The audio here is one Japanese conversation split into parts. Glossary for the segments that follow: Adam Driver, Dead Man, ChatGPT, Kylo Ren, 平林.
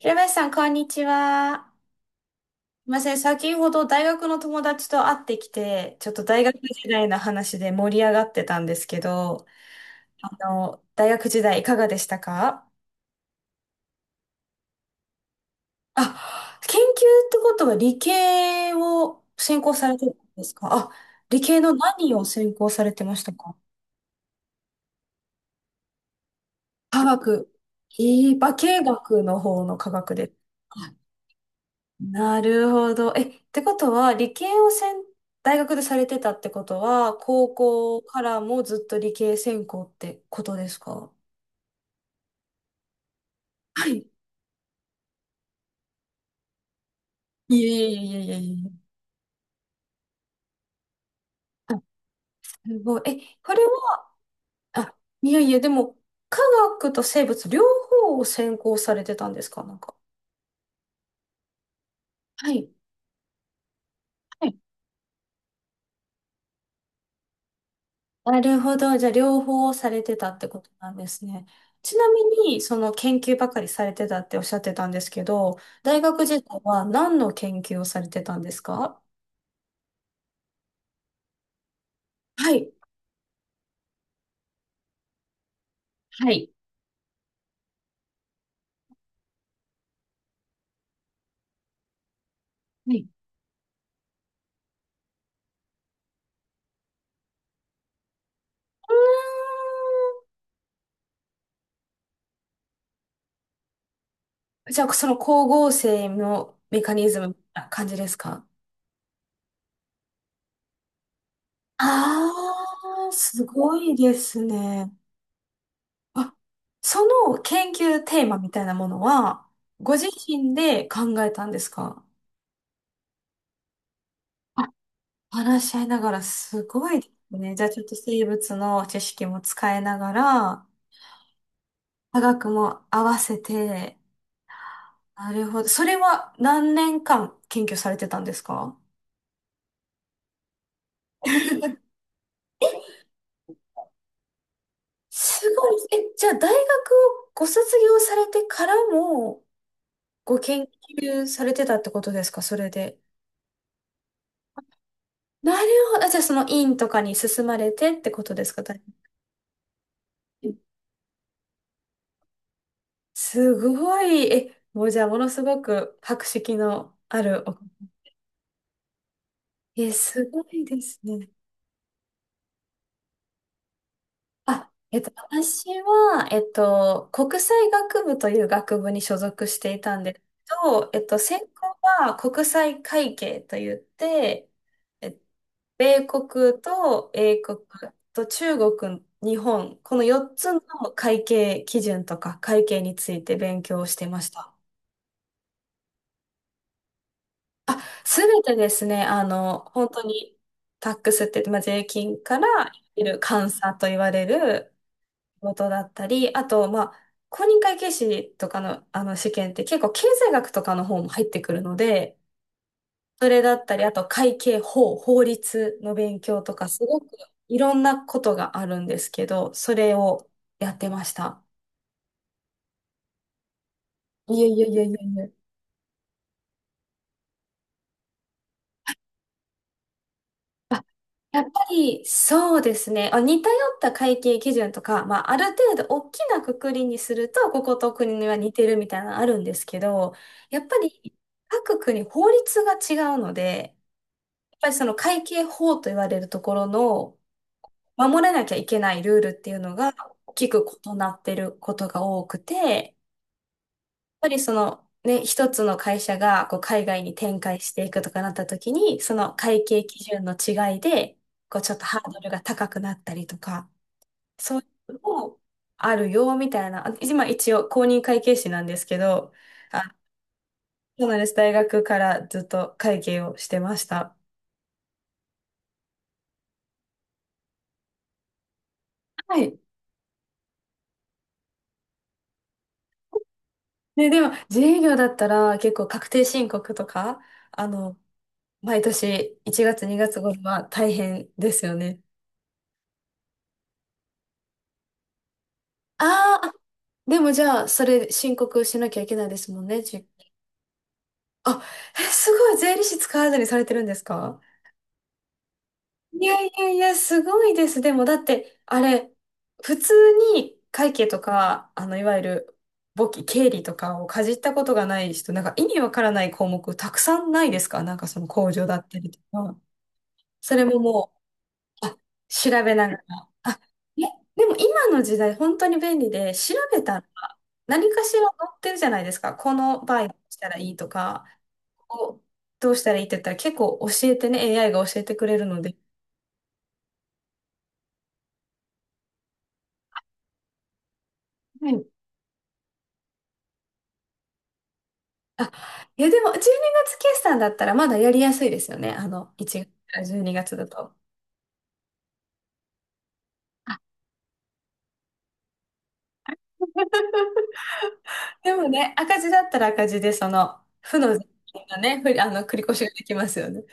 平林さん、こんにちは。すいません、先ほど大学の友達と会ってきて、ちょっと大学時代の話で盛り上がってたんですけど、大学時代いかがでしたか？あ、研究ってことは理系を専攻されてたんですか？あ、理系の何を専攻されてましたか？科学。え化学の方の科学です。なるほど。え、ってことは、理系をせん、大学でされてたってことは、高校からもずっと理系専攻ってことですか？はい。いやいやいや。いやいやいや。あ、すごい。え、これは、あ、いやいや、でも、科学と生物両方を専攻されてたんですか？なんか。はい。なるほど。じゃあ、両方されてたってことなんですね。ちなみに、その研究ばかりされてたっておっしゃってたんですけど、大学時代は何の研究をされてたんですか？はい、はい、はい。じゃあ、その光合成のメカニズムな感じですか？あー、すごいですね。あ、その研究テーマみたいなものは、ご自身で考えたんですか？話し合いながらすごいですね。じゃあちょっと生物の知識も使いながら、科学も合わせて、なるほど。それは何年間研究されてたんですか？すごい。え、じゃあ大学をご卒業されてからもご研究されてたってことですか？それで。なるほど。あ、じゃあその院とかに進まれてってことですか？大学すごい。え、もうじゃあものすごく博識のあるえ、すごいですね。あ、私は、国際学部という学部に所属していたんですけど、専攻は国際会計といって、えっと米国と英国と中国、日本、この4つの会計基準とか会計について勉強をしてました。すべてですね、本当にタックスって言って、まあ、税金からいる監査と言われることだったり、あと、まあ、公認会計士とかの、あの試験って結構経済学とかの方も入ってくるので、それだったり、あと会計法、法律の勉強とか、すごくいろんなことがあるんですけど、それをやってました。いやいやいやいやいや。あ、やっぱりそうですね。あ、似通った会計基準とか、まあ、ある程度大きな括りにすると、ここと国は似てるみたいなのあるんですけど、やっぱり各国法律が違うので、その会計法と言われるところの守らなきゃいけないルールっていうのが大きく異なってることが多くて、やっぱりそのね、一つの会社がこう海外に展開していくとかなった時に、その会計基準の違いで、こうちょっとハードルが高くなったりとか、そういうのもあるよみたいな、今一応公認会計士なんですけど、あ、そうなんです。大学からずっと会計をしてました。はい。ね、でも、自営業だったら、結構確定申告とか、あの、毎年1月2月頃は大変ですよね。あーあ、でもじゃあ、それ申告しなきゃいけないですもんね。あ、え、すごい、税理士使わずにされてるんですか？いやいやいや、すごいです。でも、だって、あれ、普通に会計とか、いわゆる、簿記、経理とかをかじったことがない人、なんか意味わからない項目たくさんないですか？なんかその控除だったりとか。それももう、あ、調べながら。あ、え、でも今の時代本当に便利で、調べたら何かしら載ってるじゃないですか。この場合どうしたらいいとか、こうどうしたらいいって言ったら結構教えてね、AI が教えてくれるので。はい、あ、いや、でも12月決算だったらまだやりやすいですよね。1月から12月だと。でもね、赤字だったら赤字で、その、負の税金がね、ふりあの、繰り越しができますよね。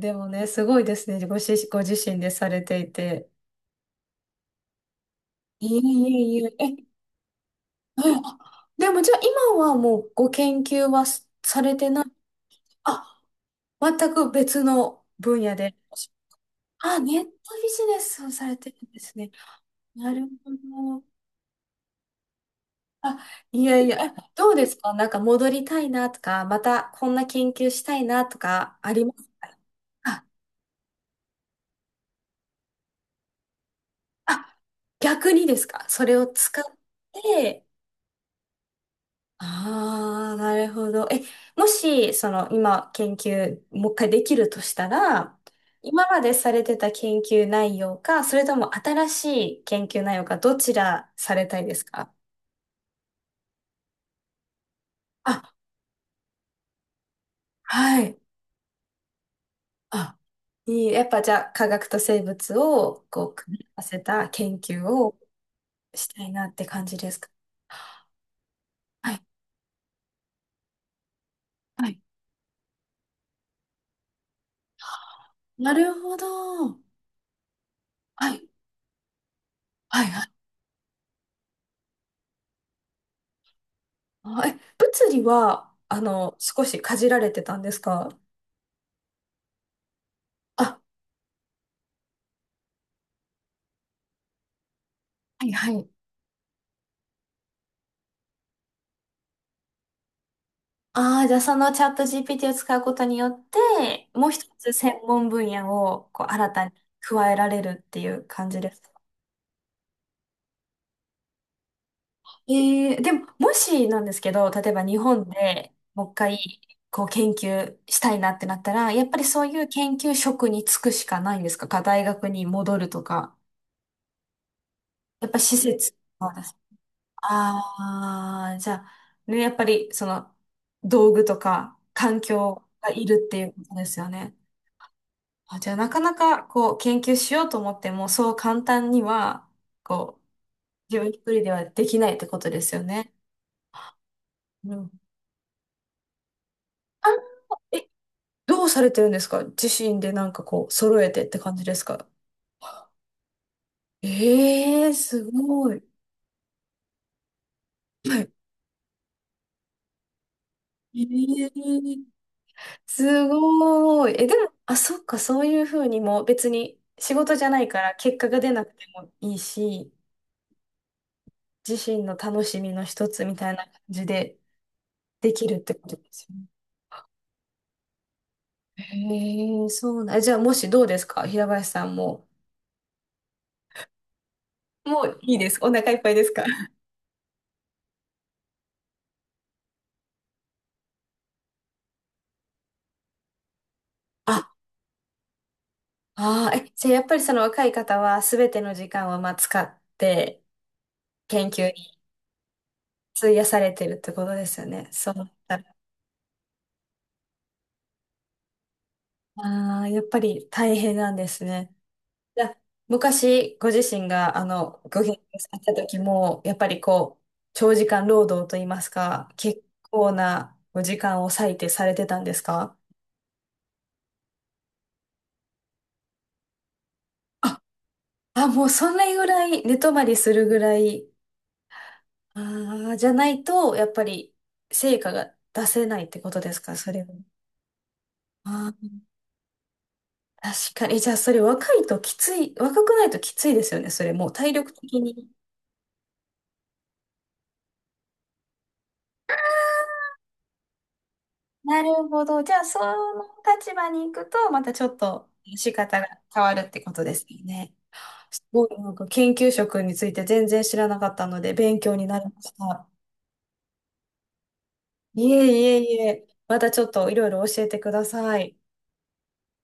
でもね、すごいですね。ご自身でされていて。いえいえいえ。え、うん、あ、でもじゃあ今はもうご研究はすされてない。あ、全く別の分野で。あ、ネットビジネスをされてるんですね。なるほど。あ、いやいや、え、どうですか？なんか戻りたいなとか、またこんな研究したいなとかありますか？あ、あ、逆にですか？それを使って、ああ、なるほど。え、もし、その、今、研究、もう一回できるとしたら、今までされてた研究内容か、それとも新しい研究内容か、どちらされたいですか？あ、はい。あ、いい。やっぱじゃあ、科学と生物を、こう、組み合わせた研究をしたいなって感じですか？はいはい、なるほど。はい、はい、はい。あ、え、物理は、少しかじられてたんですか？あ、はいはい。ああ、じゃあそのチャット GPT を使うことによって、もう一つ専門分野をこう新たに加えられるっていう感じですか？でも、もしなんですけど、例えば日本でもう一回こう研究したいなってなったら、やっぱりそういう研究職に就くしかないんですか？大学に戻るとか。やっぱ施設はです。ああ、じゃあ、ね、やっぱりその道具とか環境がいるっていうことですよね。あ、じゃあなかなかこう研究しようと思ってもそう簡単にはこう自分一人ではできないってことですよね。うん。あ、え、どうされてるんですか？自身でなんかこう揃えてって感じですか？ええー、すごい。はい。ええー、すごい。え、でも、あ、そっか、そういうふうにも別に仕事じゃないから結果が出なくてもいいし、自身の楽しみの一つみたいな感じでできるってことですよね。へえ、そうな、じゃあもしどうですか？平林さんも。もういいです。お腹いっぱいですか？あ、ああ、え、じゃあやっぱりその若い方は全ての時間をまあ使って研究に費やされてるってことですよね。そうだったら。ああ、やっぱり大変なんですね。じゃあ昔ご自身があのご研究された時も、やっぱりこう、長時間労働といいますか、結構なお時間を割いてされてたんですか？あ、もうそんなぐらい寝泊まりするぐらい、ああ、じゃないと、やっぱり成果が出せないってことですか？それは。ああ、確かに。じゃあ、それ若いときつい、若くないときついですよね、それもう体力的に。なるほど。じゃあ、その立場に行くと、またちょっと仕方が変わるってことですよね。すごい、なんか研究職について全然知らなかったので、勉強になりました。いえいえいえ、またちょっといろいろ教えてください。